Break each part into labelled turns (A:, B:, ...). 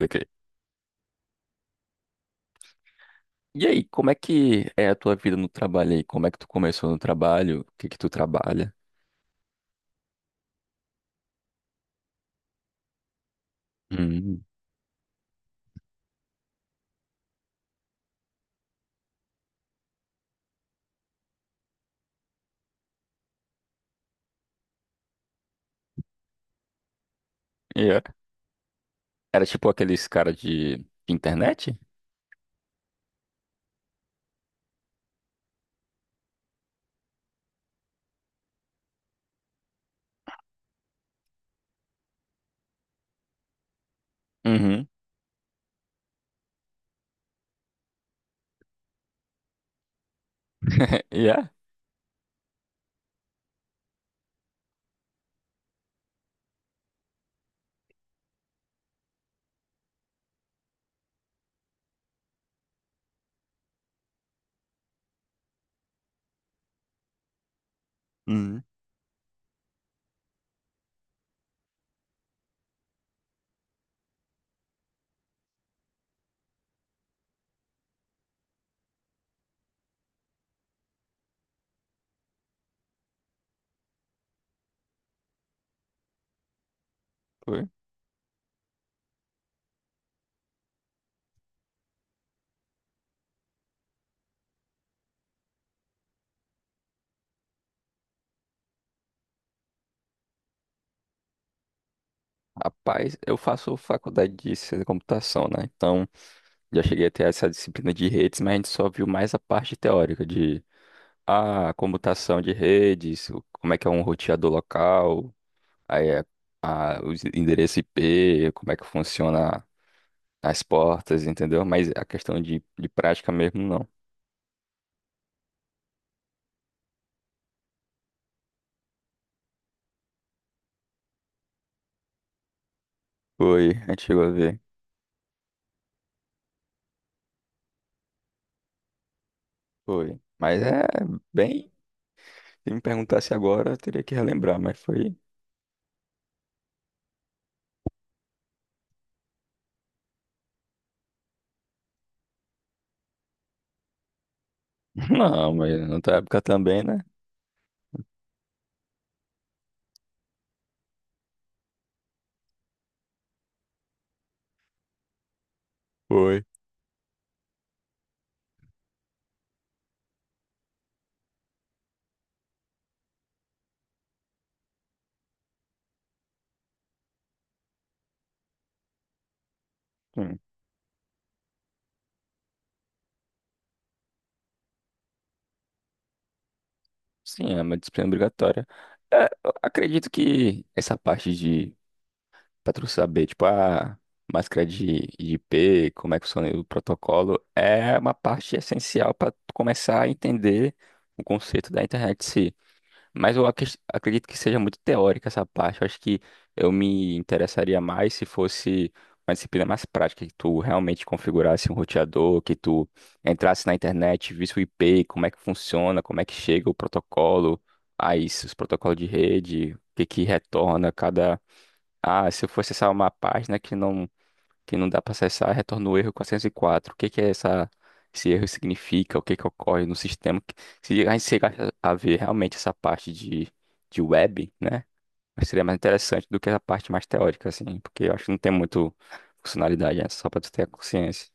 A: Ok. E aí, como é que é a tua vida no trabalho aí? Como é que tu começou no trabalho? O que que tu trabalha? Hum. Yeah. Era tipo aqueles cara de internet? Uhum. Yeah. Uhum. Foi. Rapaz, eu faço faculdade de ciência da computação, né? Então, já cheguei a ter essa disciplina de redes, mas a gente só viu mais a parte teórica de a computação de redes, como é que é um roteador local, aí é, a, os endereços IP, como é que funciona as portas, entendeu? Mas a questão de, prática mesmo, não. Foi, a gente chegou a ver. Foi. Mas é bem. Se me perguntasse agora, eu teria que relembrar, mas foi. Não, mas na tua época também, né? Foi. Hum. Sim, é uma disciplina obrigatória. É, eu acredito que essa parte de. Pra tu saber, tipo, a máscara de IP, como é que funciona o protocolo, é uma parte essencial para começar a entender o conceito da internet. Mas eu acredito que seja muito teórica essa parte. Eu acho que eu me interessaria mais se fosse uma disciplina mais prática, que tu realmente configurasse um roteador, que tu entrasse na internet, visse o IP, como é que funciona, como é que chega o protocolo, aí os protocolos de rede, o que que retorna cada. Ah, se eu fosse acessar uma página que não dá para acessar, retorna o erro 404. O que que é essa, esse erro significa? O que que ocorre no sistema? Se a gente chegar a ver realmente essa parte de web, né? Seria mais interessante do que a parte mais teórica, assim, porque eu acho que não tem muito funcionalidade, né? Só para tu ter a consciência.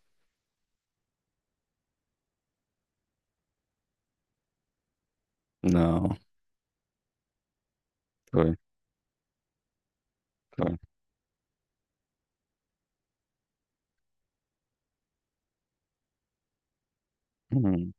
A: Não, foi, foi. Hum.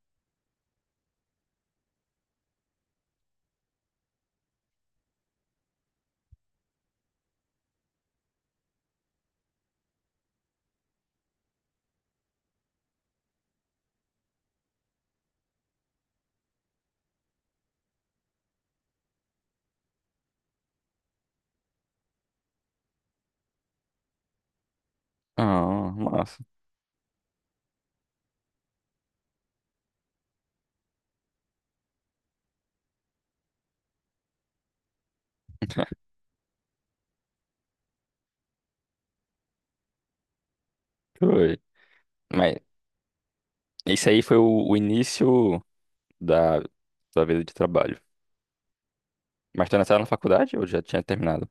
A: Ah, massa. Foi. Mas isso aí foi o início da tua vida de trabalho. Mas tu ainda estava na faculdade ou já tinha terminado?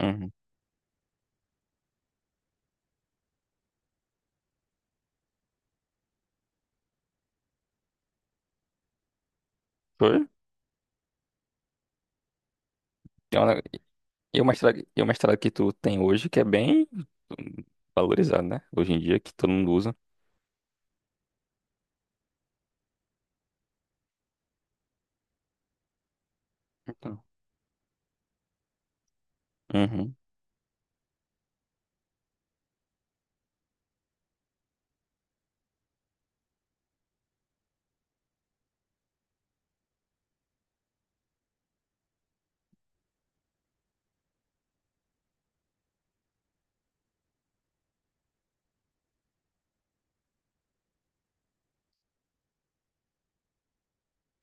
A: Uhum. Foi? E o mestrado que tu tem hoje, que é bem valorizado, né? Hoje em dia, que todo mundo usa. Então, Uhum.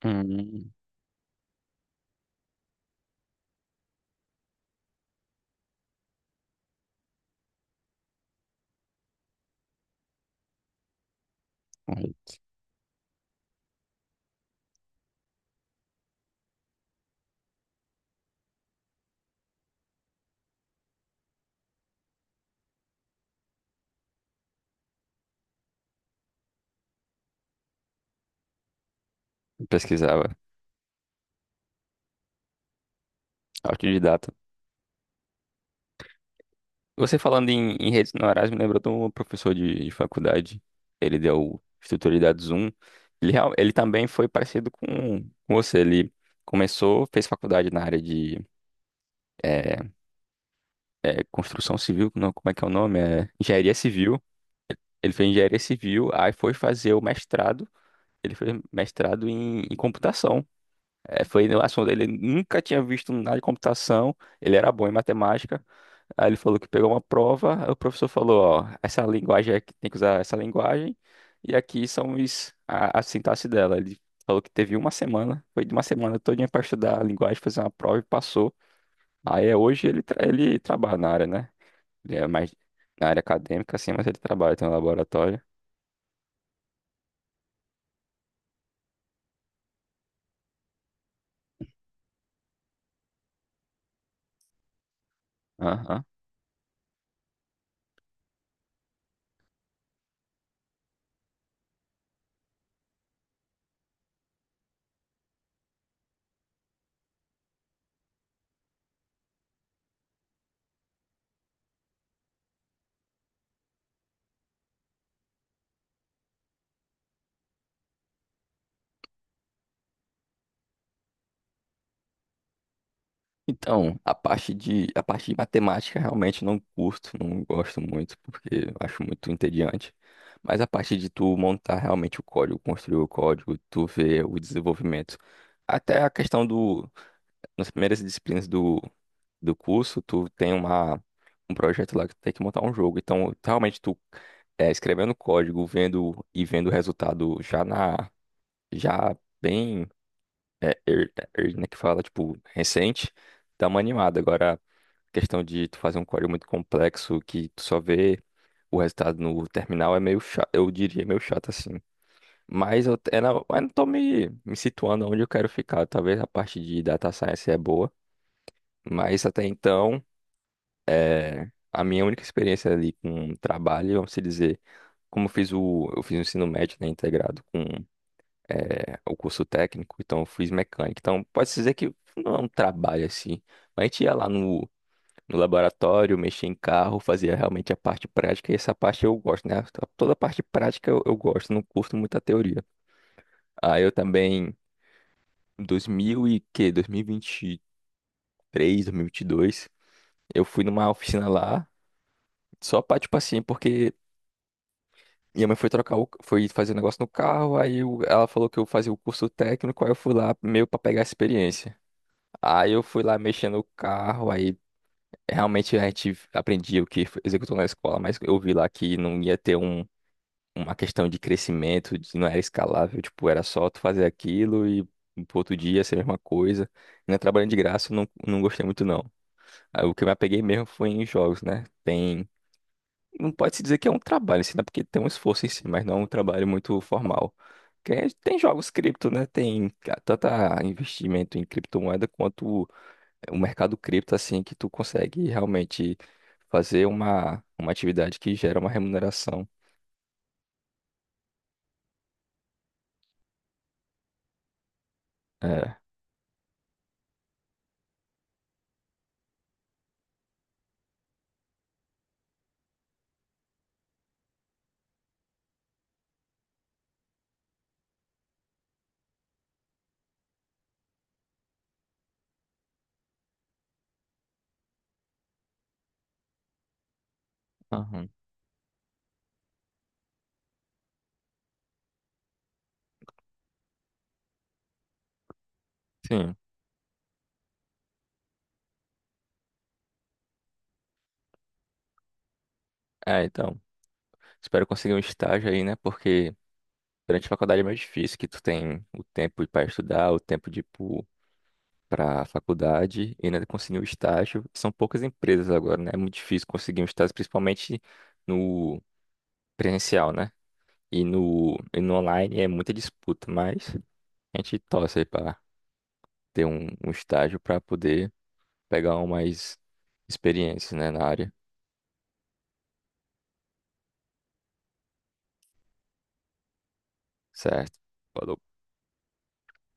A: Uhum. Uhum. Pesquisava. Autodidata. Você falando em redes neurais, me lembrou de um professor de faculdade. Ele deu estrutura de. Ele também foi parecido com você. Ele começou, fez faculdade na área de eh, construção civil, não, como é que é o nome? É, engenharia civil. Ele fez engenharia civil, aí foi fazer o mestrado. Ele foi mestrado em computação. É, foi no assunto. Ele nunca tinha visto nada de computação. Ele era bom em matemática. Aí ele falou que pegou uma prova. Aí o professor falou: Ó, essa linguagem aqui tem que usar essa linguagem. E aqui são os, a sintaxe dela. Ele falou que teve uma semana. Foi de uma semana todinha para estudar a linguagem, fazer uma prova e passou. Aí é, hoje ele, ele trabalha na área, né? Ele é mais na área acadêmica, assim, mas ele trabalha tem um laboratório. Então, a parte de matemática realmente não curto, não gosto muito, porque eu acho muito entediante. Mas a parte de tu montar realmente o código, construir o código, tu ver o desenvolvimento. Até a questão do, nas primeiras disciplinas do curso, tu tem uma, um projeto lá que tu tem que montar um jogo. Então, realmente tu é, escrevendo código, vendo e vendo o resultado já na, já bem, é, né, que fala, tipo, recente, dá uma animada. Agora, questão de tu fazer um código muito complexo que tu só vê o resultado no terminal é meio chato, eu diria meio chato assim. Mas eu não tô me situando onde eu quero ficar. Talvez a parte de data science é boa, mas até então, a minha única experiência ali com trabalho, vamos se dizer, como eu fiz o ensino médio, né, integrado com o curso técnico, então eu fiz mecânica. Então, pode-se dizer que não é um trabalho assim. Mas a gente ia lá no laboratório, mexia em carro, fazia realmente a parte prática, e essa parte eu gosto, né? Toda a parte prática eu gosto, não curto muito a teoria. Aí eu também, em 2000 e que, 2023, 2022, eu fui numa oficina lá, só pra, tipo assim, porque minha mãe foi trocar o, foi fazer um negócio no carro, ela falou que eu fazia o curso técnico, aí eu fui lá meio pra pegar a experiência. Aí eu fui lá mexendo o carro, aí realmente a gente aprendia o que executou na escola, mas eu vi lá que não ia ter uma questão de crescimento, não era escalável, tipo, era só tu fazer aquilo e pro outro dia ser a mesma coisa. Ainda trabalhando de graça, eu não gostei muito não. Aí, o que eu me apeguei mesmo foi em jogos, né? Tem, não pode se dizer que é um trabalho, assim, né? Porque tem um esforço em si, mas não é um trabalho muito formal. Tem jogos cripto, né? Tem tanto a investimento em criptomoeda quanto o mercado cripto, assim, que tu consegue realmente fazer uma atividade que gera uma remuneração. É, aham. Sim. É, então, espero conseguir um estágio aí, né? Porque durante a faculdade é mais difícil, que tu tem o tempo para estudar, o tempo de ir pra faculdade e ainda conseguir um estágio. São poucas empresas agora, né? É muito difícil conseguir um estágio, principalmente no presencial, né? E no online é muita disputa, mas a gente torce aí pra ter um estágio para poder pegar uma mais experiência, né, na área. Certo. Falou.